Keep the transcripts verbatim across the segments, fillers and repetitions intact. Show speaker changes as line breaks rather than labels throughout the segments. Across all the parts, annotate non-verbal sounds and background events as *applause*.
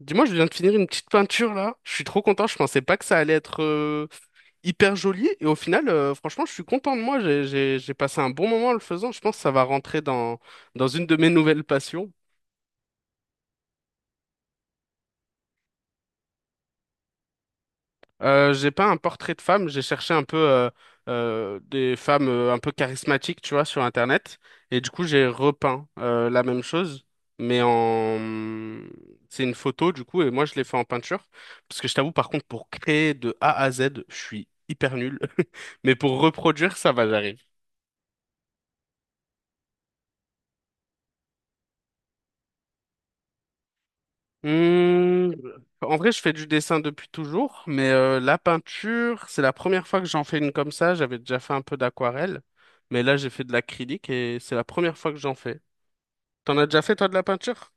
Dis-moi, je viens de finir une petite peinture là. Je suis trop content. Je pensais pas que ça allait être euh, hyper joli. Et au final, euh, franchement, je suis content de moi. J'ai, j'ai, j'ai passé un bon moment en le faisant. Je pense que ça va rentrer dans, dans une de mes nouvelles passions. Euh, j'ai pas un portrait de femme, j'ai cherché un peu euh, euh, des femmes euh, un peu charismatiques, tu vois, sur Internet. Et du coup, j'ai repeint euh, la même chose, mais en... C'est une photo, du coup, et moi, je l'ai fait en peinture. Parce que je t'avoue, par contre, pour créer de A à Z, je suis hyper nul. *laughs* Mais pour reproduire, ça va, j'arrive. Hum, en vrai, je fais du dessin depuis toujours, mais euh, la peinture, c'est la première fois que j'en fais une comme ça. J'avais déjà fait un peu d'aquarelle, mais là, j'ai fait de l'acrylique et c'est la première fois que j'en fais. T'en as déjà fait, toi, de la peinture?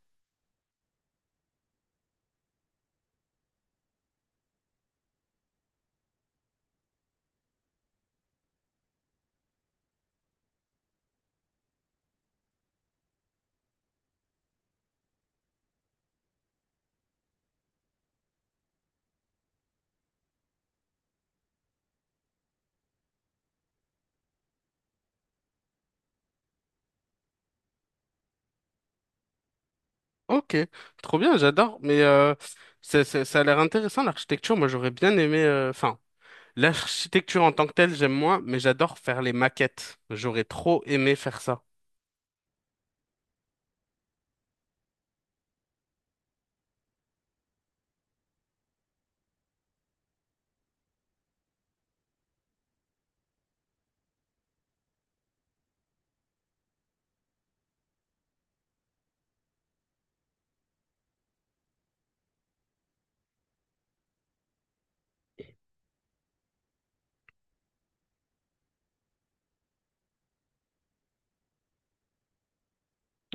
Ok, trop bien, j'adore. Mais euh, c'est- c'est- ça a l'air intéressant, l'architecture. Moi, j'aurais bien aimé... euh, Enfin, l'architecture en tant que telle, j'aime moins, mais j'adore faire les maquettes. J'aurais trop aimé faire ça.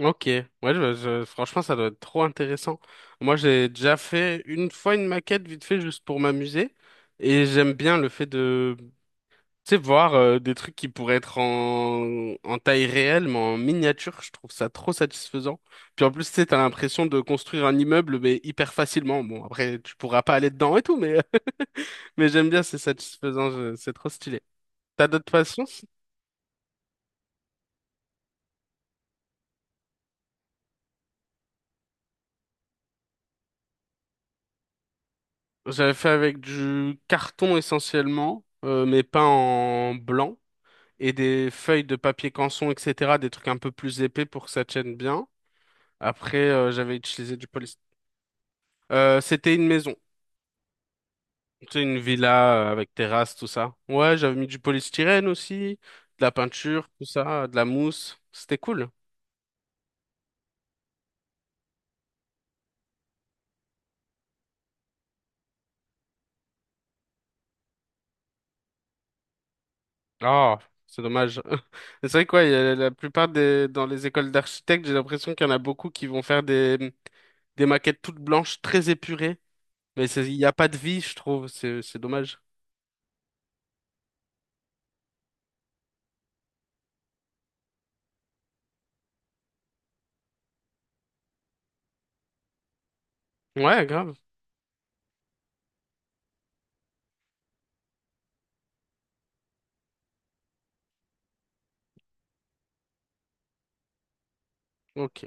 Ok, ouais, je- je- franchement, ça doit être trop intéressant. Moi, j'ai déjà fait une fois une maquette vite fait juste pour m'amuser, et j'aime bien le fait de, tu sais, voir euh, des trucs qui pourraient être en, en taille réelle, mais en miniature. Je trouve ça trop satisfaisant. Puis en plus, tu sais, t'as l'impression de construire un immeuble, mais hyper facilement. Bon, après, tu pourras pas aller dedans et tout, mais *laughs* mais j'aime bien, c'est satisfaisant, je- c'est trop stylé. T'as d'autres passions? J'avais fait avec du carton essentiellement, euh, mais peint en blanc, et des feuilles de papier canson, et cetera, des trucs un peu plus épais pour que ça tienne bien. Après, euh, j'avais utilisé du polystyrène. Euh, c'était une maison, c'était une villa euh, avec terrasse, tout ça. Ouais, j'avais mis du polystyrène aussi, de la peinture, tout ça, de la mousse. C'était cool. Ah, c'est dommage. *laughs* C'est vrai quoi, il y a la plupart des dans les écoles d'architectes, j'ai l'impression qu'il y en a beaucoup qui vont faire des des maquettes toutes blanches, très épurées, mais c'est- il n'y a pas de vie, je trouve. C'est, c'est dommage. Ouais, grave. Ok.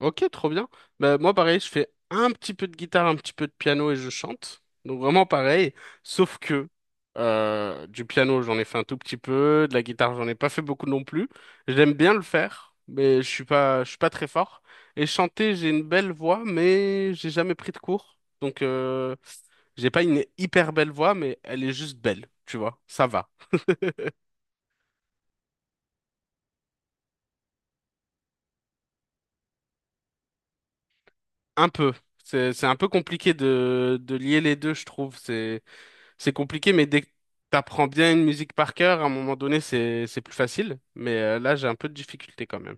Ok, trop bien. Bah, moi, pareil, je fais un petit peu de guitare, un petit peu de piano et je chante. Donc, vraiment pareil. Sauf que euh, du piano, j'en ai fait un tout petit peu. De la guitare, j'en ai pas fait beaucoup non plus. J'aime bien le faire, mais je suis pas, je suis pas très fort. Et chanter, j'ai une belle voix, mais j'ai jamais pris de cours. Donc, euh, j'ai pas une hyper belle voix, mais elle est juste belle. Tu vois, ça va. *laughs* Un peu. C'est, c'est un peu compliqué de, de lier les deux, je trouve. C'est, c'est compliqué, mais dès que t'apprends bien une musique par cœur, à un moment donné, c'est, c'est plus facile. Mais euh, là, j'ai un peu de difficulté quand même.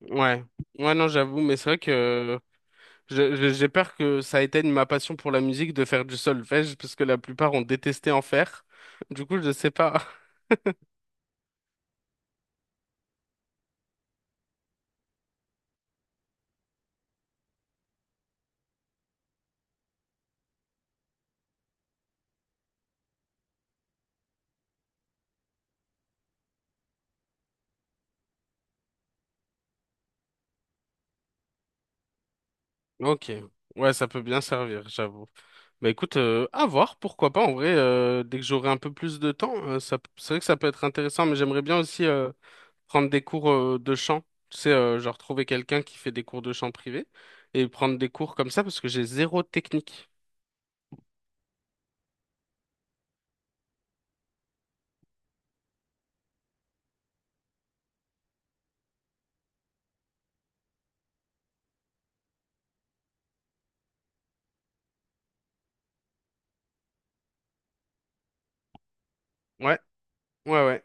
Ouais. Ouais, non, j'avoue, mais c'est vrai que je- je- j'ai peur que ça éteigne ma passion pour la musique de faire du solfège, parce que la plupart ont détesté en faire. Du coup, je sais pas. *laughs* Ok. Ouais, ça peut bien servir, j'avoue. Bah écoute, euh, à voir, pourquoi pas. En vrai, euh, dès que j'aurai un peu plus de temps, euh, ça, c'est vrai que ça peut être intéressant, mais j'aimerais bien aussi euh, prendre des cours euh, de chant. Tu sais, euh, genre trouver quelqu'un qui fait des cours de chant privé et prendre des cours comme ça parce que j'ai zéro technique. Ouais, ouais, ouais.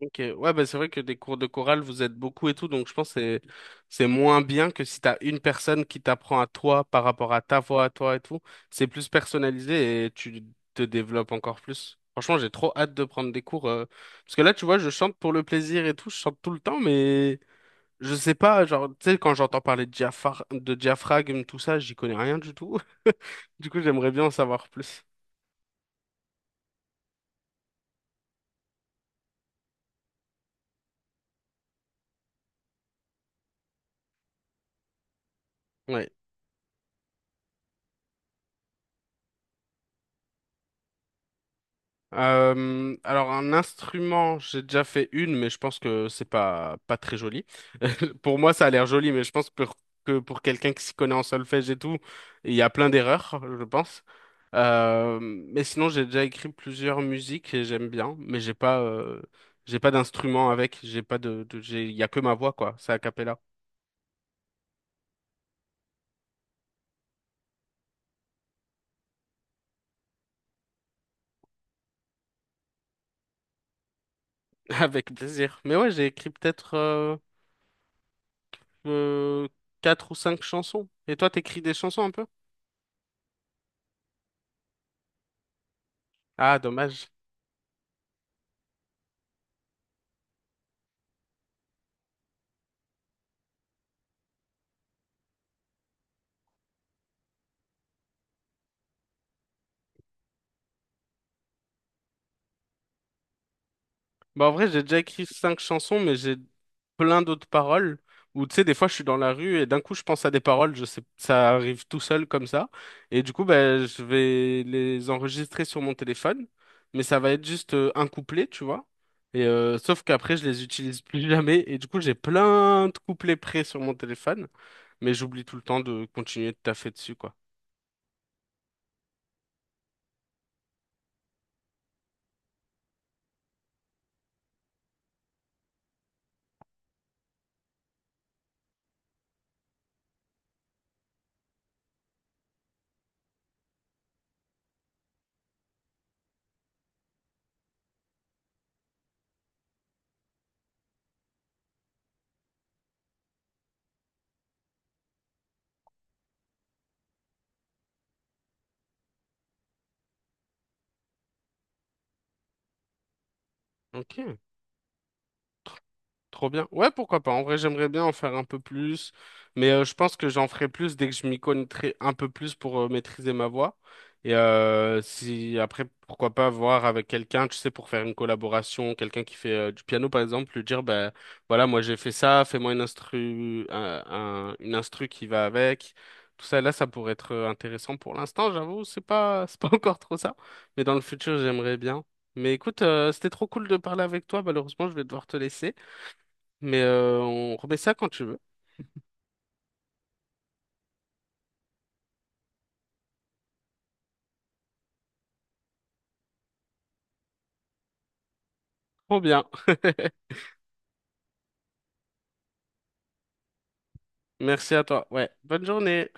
Ok, ouais, bah c'est vrai que des cours de chorale, vous êtes beaucoup et tout, donc je pense que c'est c'est moins bien que si t'as une personne qui t'apprend à toi par rapport à ta voix à toi et tout. C'est plus personnalisé et tu te développes encore plus. Franchement, j'ai trop hâte de prendre des cours euh, parce que là, tu vois, je chante pour le plaisir et tout, je chante tout le temps, mais je sais pas, genre, tu sais, quand j'entends parler de diaphar- de diaphragme, tout ça, j'y connais rien du tout. *laughs* Du coup, j'aimerais bien en savoir plus. Ouais. Euh, alors un instrument, j'ai déjà fait une, mais je pense que c'est pas pas très joli. *laughs* Pour moi, ça a l'air joli, mais je pense que, que pour quelqu'un qui s'y connaît en solfège et tout, il y a plein d'erreurs, je pense. Euh, mais sinon, j'ai déjà écrit plusieurs musiques et j'aime bien, mais j'ai pas euh, j'ai pas d'instrument avec, j'ai pas de, de- j'ai il y a que ma voix quoi, c'est a cappella. *laughs* Avec plaisir. Mais ouais, j'ai écrit peut-être euh, euh, quatre ou cinq chansons. Et toi, t'écris des chansons un peu? Ah, dommage. Bah, en vrai, j'ai déjà écrit cinq chansons, mais j'ai plein d'autres paroles où, tu sais, des fois, je suis dans la rue et d'un coup, je pense à des paroles, je sais, ça arrive tout seul comme ça. Et du coup, bah, je vais les enregistrer sur mon téléphone, mais ça va être juste euh, un couplet, tu vois. Et euh, sauf qu'après, je les utilise *laughs* plus jamais. Et du coup, j'ai plein de couplets prêts sur mon téléphone, mais j'oublie tout le temps de continuer de taffer dessus, quoi. Ok. Trop bien. Ouais, pourquoi pas. En vrai, j'aimerais bien en faire un peu plus, mais euh, je pense que j'en ferai plus dès que je m'y connaîtrai un peu plus pour euh, maîtriser ma voix. Et euh, si après, pourquoi pas voir avec quelqu'un, tu sais, pour faire une collaboration, quelqu'un qui fait euh, du piano par exemple, lui dire, ben voilà, moi j'ai fait ça, fais-moi une instru, un- un- une instru qui va avec. Tout ça, là, ça pourrait être euh, intéressant pour l'instant, j'avoue, c'est pas, *laughs* c'est pas encore trop ça, mais dans le futur, j'aimerais bien. Mais écoute, euh, c'était trop cool de parler avec toi. Malheureusement, je vais devoir te laisser. Mais euh, on remet ça quand tu veux. Trop bien. *laughs* Merci à toi. Ouais. Bonne journée.